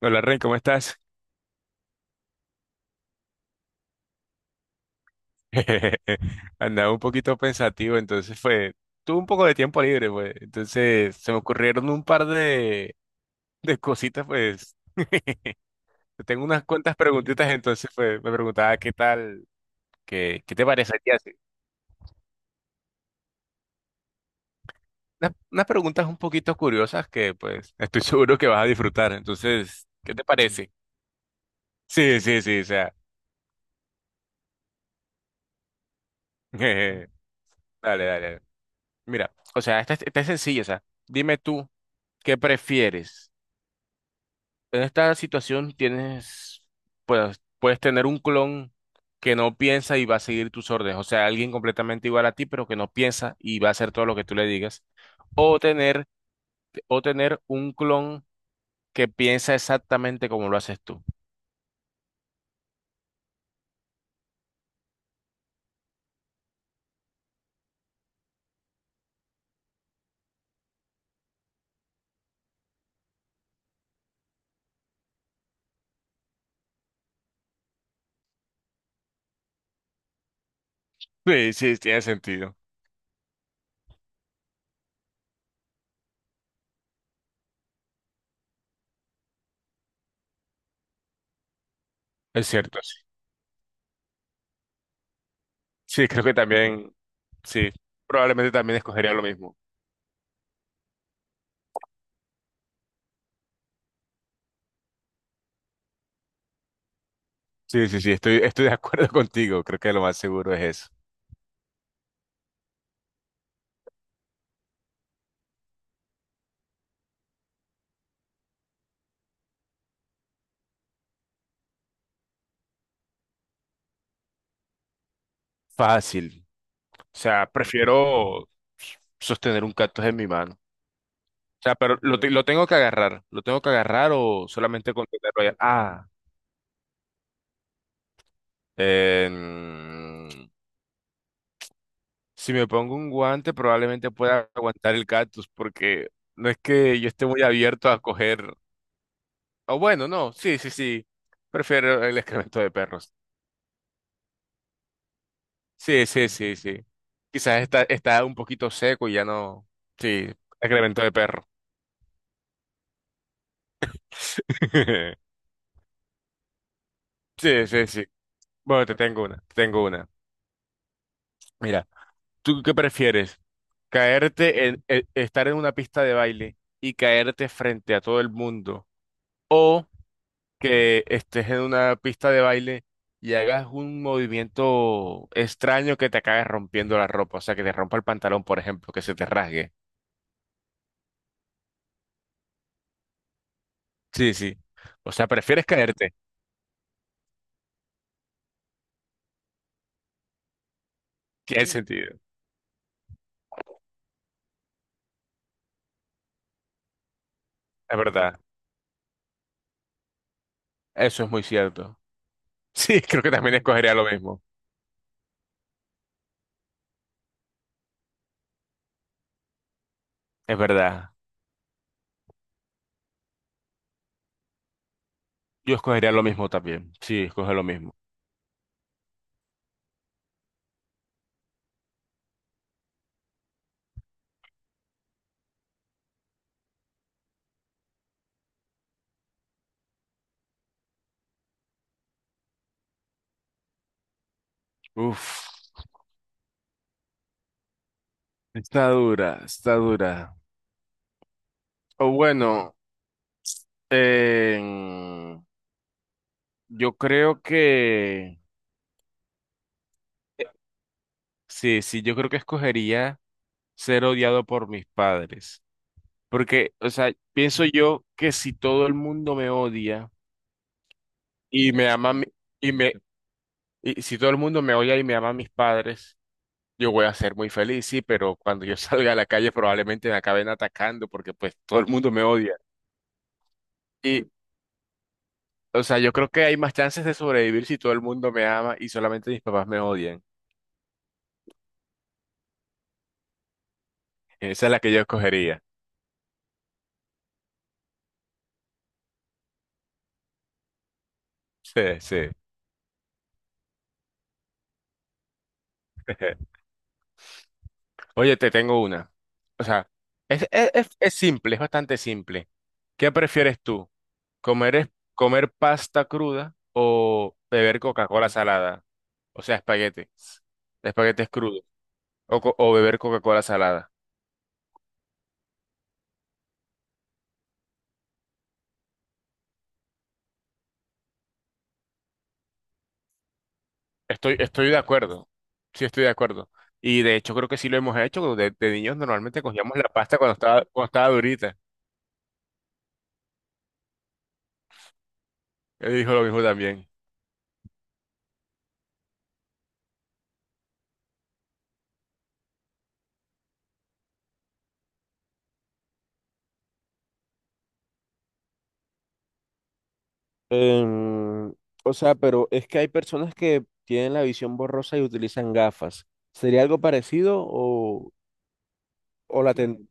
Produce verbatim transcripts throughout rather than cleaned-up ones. Hola Rey, ¿cómo estás? Andaba un poquito pensativo, entonces fue, tuve un poco de tiempo libre, pues, entonces se me ocurrieron un par de, de cositas, pues. Tengo unas cuantas preguntitas, entonces fue, me preguntaba, "Ah, qué tal, qué, qué te parecería así." Unas, unas preguntas un poquito curiosas que, pues, estoy seguro que vas a disfrutar. Entonces, ¿qué te parece? Sí, sí, sí, o sea, dale, dale, dale. Mira, o sea, esta, es- esta es sencilla. O sea, dime tú, ¿qué prefieres? En esta situación tienes, pues, puedes tener un clon que no piensa y va a seguir tus órdenes, o sea, alguien completamente igual a ti, pero que no piensa y va a hacer todo lo que tú le digas, o tener, o tener un clon que piensa exactamente como lo haces tú. Sí, sí, tiene sentido. Es cierto, sí. Sí, creo que también, sí, probablemente también escogería lo mismo. Sí, sí, sí, estoy, estoy de acuerdo contigo, creo que lo más seguro es eso. Fácil. O sea, prefiero sostener un cactus en mi mano. O sea, pero lo, te- lo tengo que agarrar. ¿Lo tengo que agarrar o solamente con tenerlo ya? Ah, em, si me pongo un guante probablemente pueda aguantar el cactus, porque no es que yo esté muy abierto a coger... O bueno, no, sí, sí, sí. Prefiero el excremento de perros. Sí, sí, sí, sí. Quizás está, está un poquito seco y ya no... Sí, excremento de perro. Sí, sí, sí. Bueno, te tengo una, te tengo una. Mira. ¿Tú qué prefieres? ¿Caerte en, e- estar en una pista de baile y caerte frente a todo el mundo? ¿O que estés en una pista de baile y hagas un movimiento extraño que te acabe rompiendo la ropa? O sea, que te rompa el pantalón, por ejemplo, que se te rasgue. Sí, sí. O sea, prefieres caerte. Tiene, Sí. sentido. Es verdad. Eso es muy cierto. Sí, creo que también escogería lo mismo. Es verdad. Yo escogería lo mismo también. Sí, escoge lo mismo. Uf. Está dura, está dura. O bueno, em, yo creo que eh, sí, sí, yo creo que escogería ser odiado por mis padres. Porque, o sea, pienso yo que si todo el mundo me odia y me ama a mí- y me y si todo el mundo me odia y me ama a mis padres, yo voy a ser muy feliz, sí, pero cuando yo salga a la calle probablemente me acaben atacando, porque pues todo el mundo me odia. Y, o sea, yo creo que hay más chances de sobrevivir si todo el mundo me ama y solamente mis papás me odian. Esa es la que yo escogería. Sí, sí. Oye, te tengo una. O sea, es, es, es- es simple, es bastante simple. ¿Qué prefieres tú? ¿Comer, es- comer pasta cruda o beber Coca-Cola salada? O sea, espaguetes. Espaguetes crudos. O, co- o beber Coca-Cola salada. Estoy, estoy de acuerdo. Sí, estoy de acuerdo. Y de hecho creo que sí lo hemos hecho. De, de niños normalmente cogíamos la pasta cuando estaba, cuando estaba durita. Él dijo lo mismo también. Em, o sea, pero es que hay personas que tienen la visión borrosa y utilizan gafas. ¿Sería algo parecido? o, o la ten...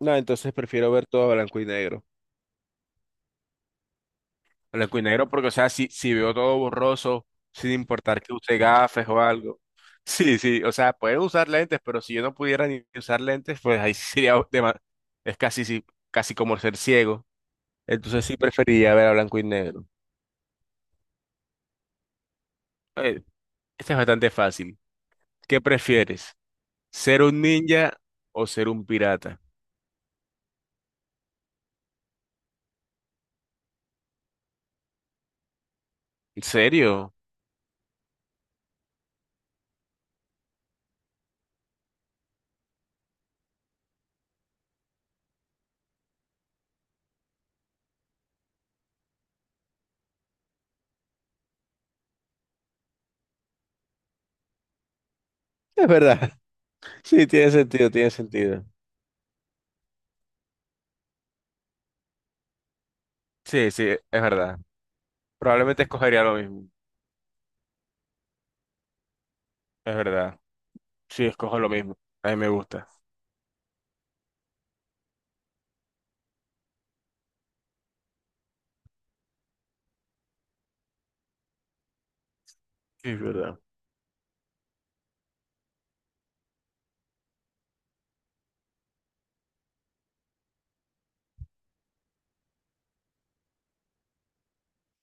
No, entonces prefiero ver todo a blanco y negro. Blanco y negro, porque, o sea, si, si veo todo borroso, sin importar que use gafas o algo. Sí, sí, o sea, pueden usar lentes, pero si yo no pudiera ni usar lentes, pues ahí sí sería dema- Es casi, sí, casi como ser ciego. Entonces sí preferiría ver a blanco y negro. Eh, este es bastante fácil. ¿Qué prefieres? ¿Ser un ninja o ser un pirata? ¿En serio? Es verdad. Sí, tiene sentido, tiene sentido. Sí, sí, es verdad. Probablemente escogería lo mismo. Es verdad. Sí, escojo lo mismo. A mí me gusta. Sí, Es verdad.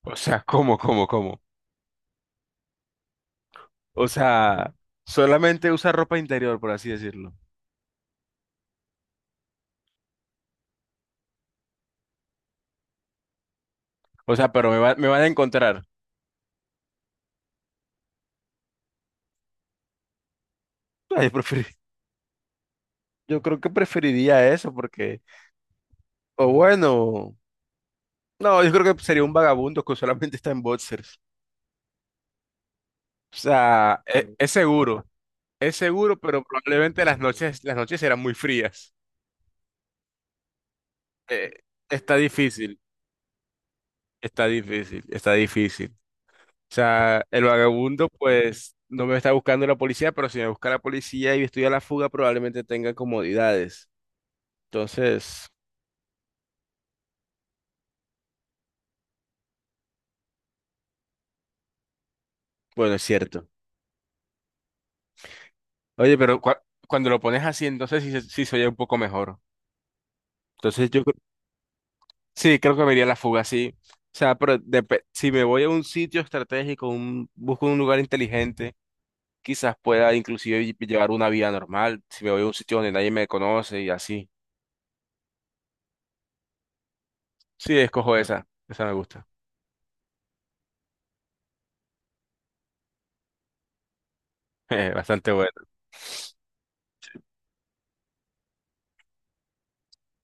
O sea, ¿cómo, cómo, cómo? O sea, solamente usa ropa interior, por así decirlo. O sea, pero me va- me van a encontrar. No, yo prefer- yo creo que preferiría eso, porque, o bueno, no, yo creo que sería un vagabundo que solamente está en boxers. O sea, e- es, seguro. Es seguro, pero probablemente las noches, las noches serán muy frías. Eh, Está difícil, está difícil, está difícil. O sea, el vagabundo, pues, no me está buscando la policía, pero si me busca la policía y estoy a la fuga, probablemente tenga comodidades. Entonces, bueno, es cierto. Oye, pero cua- cuando lo pones así, entonces sí, se- sí se oye un poco mejor. Entonces yo cre- sí, creo que me iría a la fuga, sí. O sea, pero depe- si me voy a un sitio estratégico, un, busco un lugar inteligente. Quizás pueda inclusive llevar una vida normal, si me voy a un sitio donde nadie me conoce y así. Sí, escojo esa, esa me gusta. Bastante buena.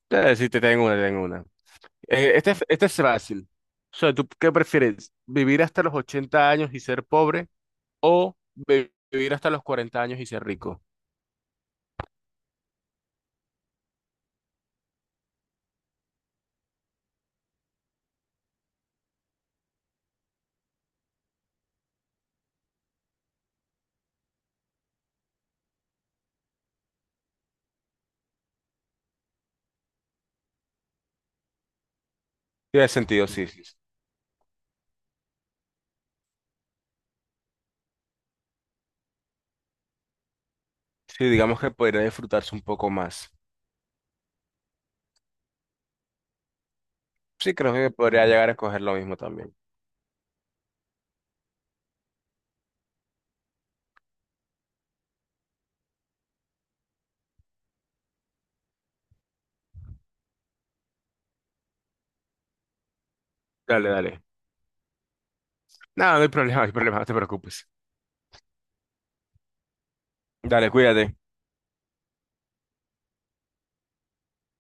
Eh, sí, te tengo una, te tengo una. Eh, este, es- este es fácil. O sea, ¿tú qué prefieres? ¿Vivir hasta los ochenta años y ser pobre o vi- vivir hasta los cuarenta años y ser rico? Tiene sentido, sí, sí. Sí, Sí, digamos que podría disfrutarse un poco más. Sí, creo que podría llegar a escoger lo mismo también. Dale, dale. No, no hay problema, no hay problema, no te preocupes. Dale, cuídate.